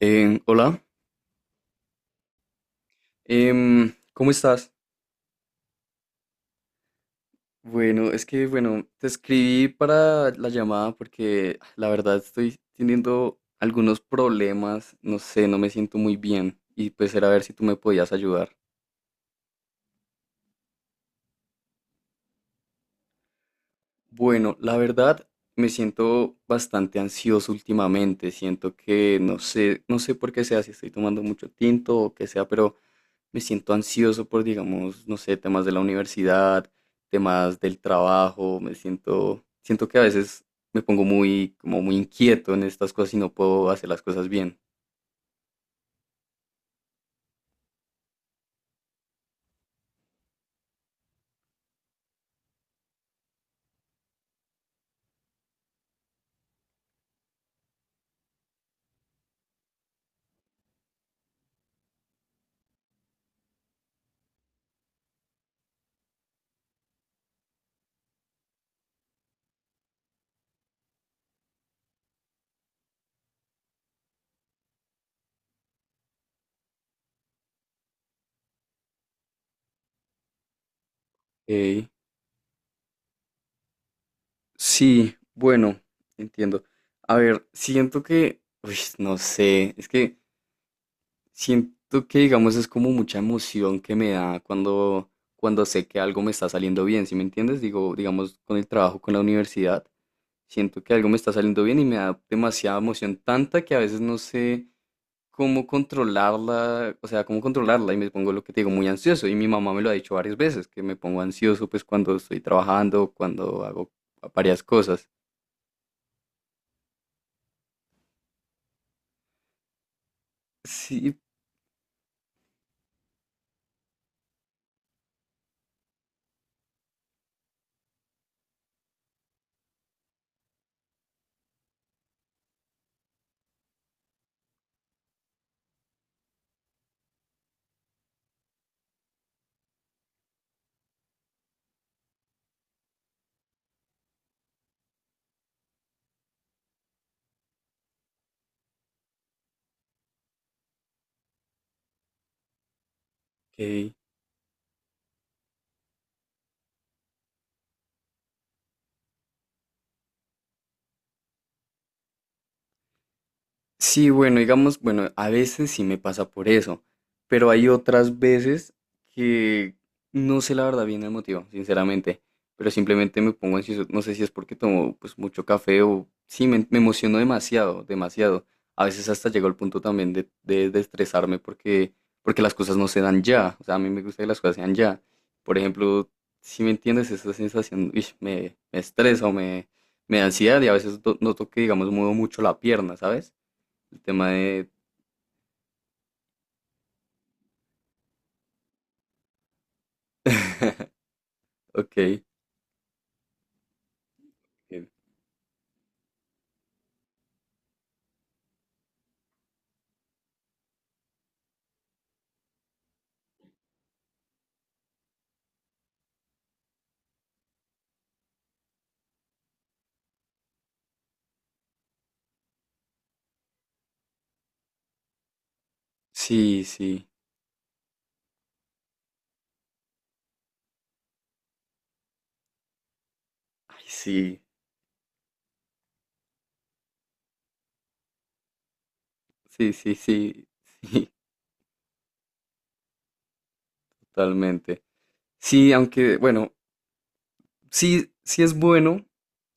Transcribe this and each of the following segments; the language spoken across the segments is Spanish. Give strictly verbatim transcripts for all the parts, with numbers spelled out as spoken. Eh, hola, em, ¿Cómo estás? Bueno, es que, bueno, te escribí para la llamada porque ah, la verdad estoy teniendo algunos problemas, no sé, no me siento muy bien y pues era a ver si tú me podías ayudar. Bueno, la verdad me siento bastante ansioso últimamente, siento que no sé, no sé por qué sea, si estoy tomando mucho tinto o qué sea, pero me siento ansioso por, digamos, no sé, temas de la universidad, temas del trabajo, me siento, siento que a veces me pongo muy, como muy inquieto en estas cosas y no puedo hacer las cosas bien. Ey, sí, bueno, entiendo. A ver, siento que, uy, no sé, es que siento que, digamos, es como mucha emoción que me da cuando, cuando sé que algo me está saliendo bien, ¿sí me entiendes? Digo, digamos, con el trabajo, con la universidad. Siento que algo me está saliendo bien y me da demasiada emoción, tanta que a veces no sé cómo controlarla, o sea, cómo controlarla y me pongo lo que te digo, muy ansioso. Y mi mamá me lo ha dicho varias veces, que me pongo ansioso pues cuando estoy trabajando, cuando hago varias cosas. Sí, ok. Sí, bueno, digamos, bueno, a veces sí me pasa por eso, pero hay otras veces que no sé la verdad bien el motivo, sinceramente, pero simplemente me pongo ansioso, no sé si es porque tomo pues mucho café o sí, me, me emociono demasiado, demasiado. A veces hasta llego al punto también de, de, de estresarme porque, porque las cosas no se dan ya, o sea, a mí me gusta que las cosas sean ya. Por ejemplo, si me entiendes, esa sensación, uish, me, me estresa o me, me da ansiedad y a veces do- noto que, digamos, muevo mucho la pierna, ¿sabes? El tema de... Ok. Bien. Sí, sí. Ay, sí. Sí, sí, sí. Sí, totalmente. Sí, aunque, bueno, sí, sí es bueno.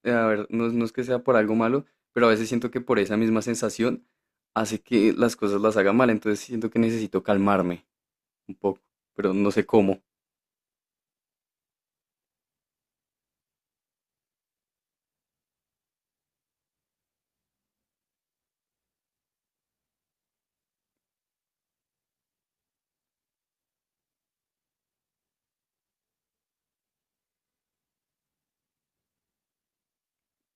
eh, A ver, no, es- no es que sea por algo malo, pero a veces siento que por esa misma sensación hace que las cosas las haga mal. Entonces siento que necesito calmarme un poco, pero no sé cómo.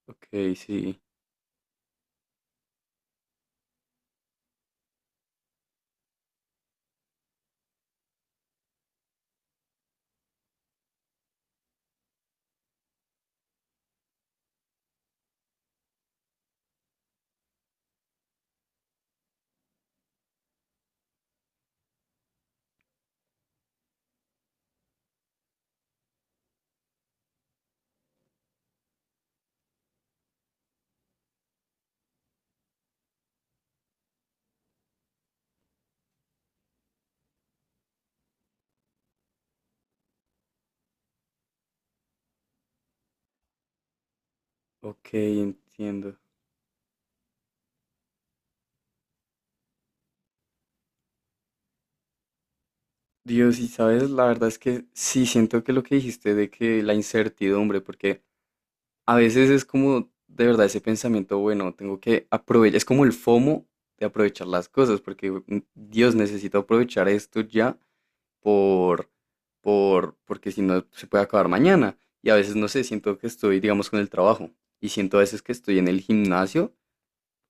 Ok, sí. Ok, entiendo. Dios, y sabes, la verdad es que sí siento que lo que dijiste de que la incertidumbre, porque a veces es como de verdad ese pensamiento, bueno, tengo que aprovechar, es como el FOMO de aprovechar las cosas, porque mm, Dios necesito aprovechar esto ya por, por, porque si no se puede acabar mañana. Y a veces no sé, siento que estoy, digamos, con el trabajo y siento a veces que estoy en el gimnasio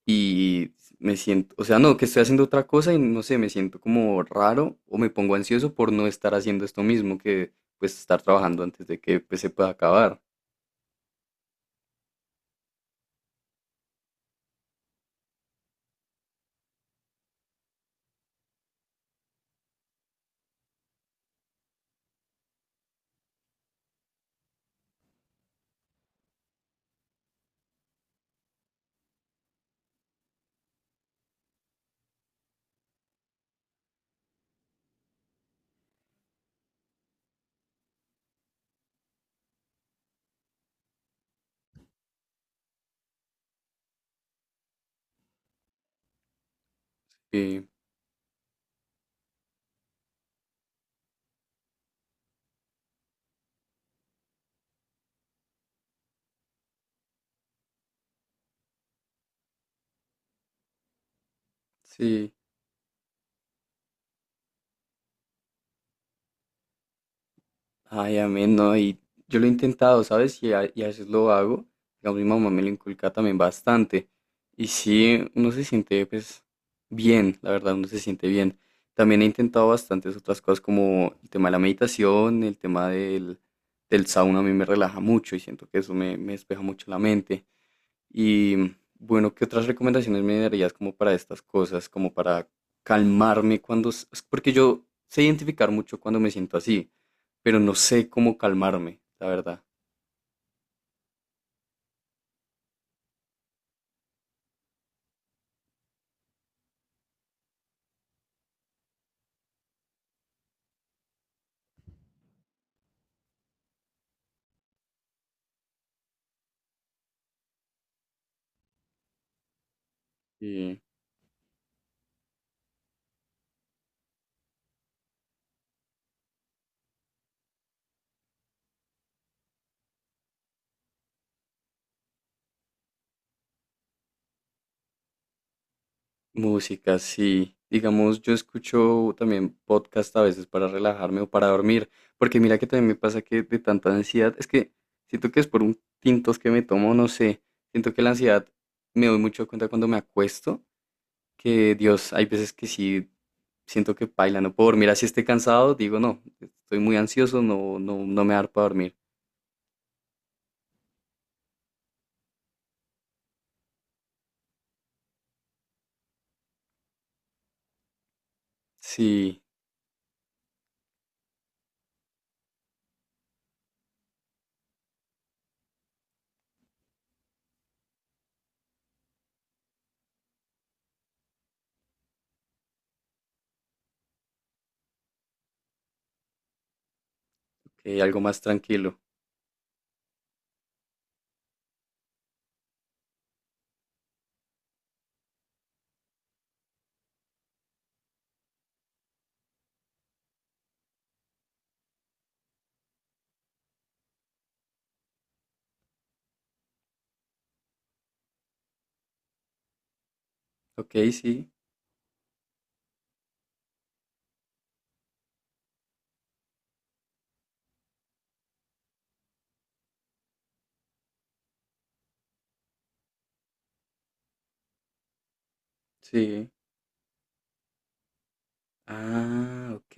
y me siento, o sea, no, que estoy haciendo otra cosa y no sé, me siento como raro o me pongo ansioso por no estar haciendo esto mismo que pues estar trabajando antes de que pues, se pueda acabar. Sí, sí. Ay, amén, no, y yo lo he intentado, ¿sabes? Y a, y a veces lo hago. Digamos, mi mamá me lo inculca también bastante. Y sí, uno se siente, pues, bien, la verdad, uno se siente bien. También he intentado bastantes otras cosas como el tema de la meditación, el tema del, del sauna, a mí me relaja mucho y siento que eso me, me despeja mucho la mente. Y bueno, ¿qué otras recomendaciones me darías como para estas cosas, como para calmarme cuando... s- es Porque yo sé identificar mucho cuando me siento así, pero no sé cómo calmarme, la verdad. Y música, sí. Digamos, yo escucho también podcast a veces para relajarme o para dormir, porque mira que también me pasa que de tanta ansiedad, es que siento que es por un tintos que me tomo, no sé, siento que la ansiedad me doy mucho cuenta cuando me acuesto que Dios, hay veces que sí siento que paila, no puedo dormir así esté cansado, digo no, estoy muy ansioso, no, no, no me da para dormir. Sí, ok, algo más tranquilo. Ok, sí, sí. Ah, ok.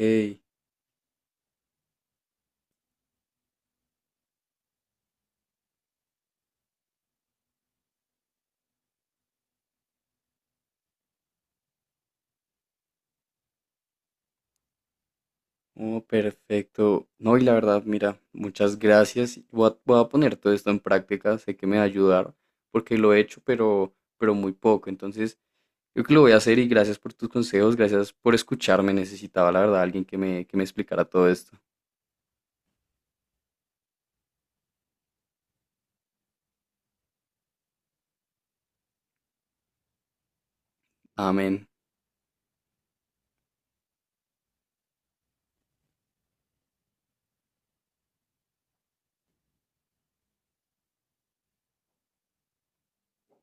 Oh, perfecto. No, y la verdad, mira, muchas gracias. Voy a, voy a poner todo esto en práctica, sé que me va a ayudar, porque lo he hecho, pero, pero muy poco. Entonces, yo creo que lo voy a hacer y gracias por tus consejos, gracias por escucharme. Necesitaba, la verdad, alguien que me, que me explicara todo esto. Amén.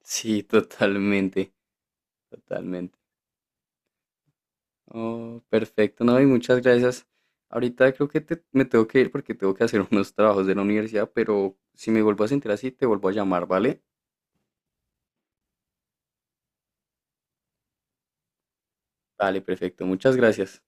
Sí, totalmente, totalmente. Oh, perfecto, no, y muchas gracias. Ahorita creo que te- me tengo que ir porque tengo que hacer unos trabajos de la universidad, pero si me vuelvo a sentir así, te vuelvo a llamar, ¿vale? Vale, perfecto, muchas gracias.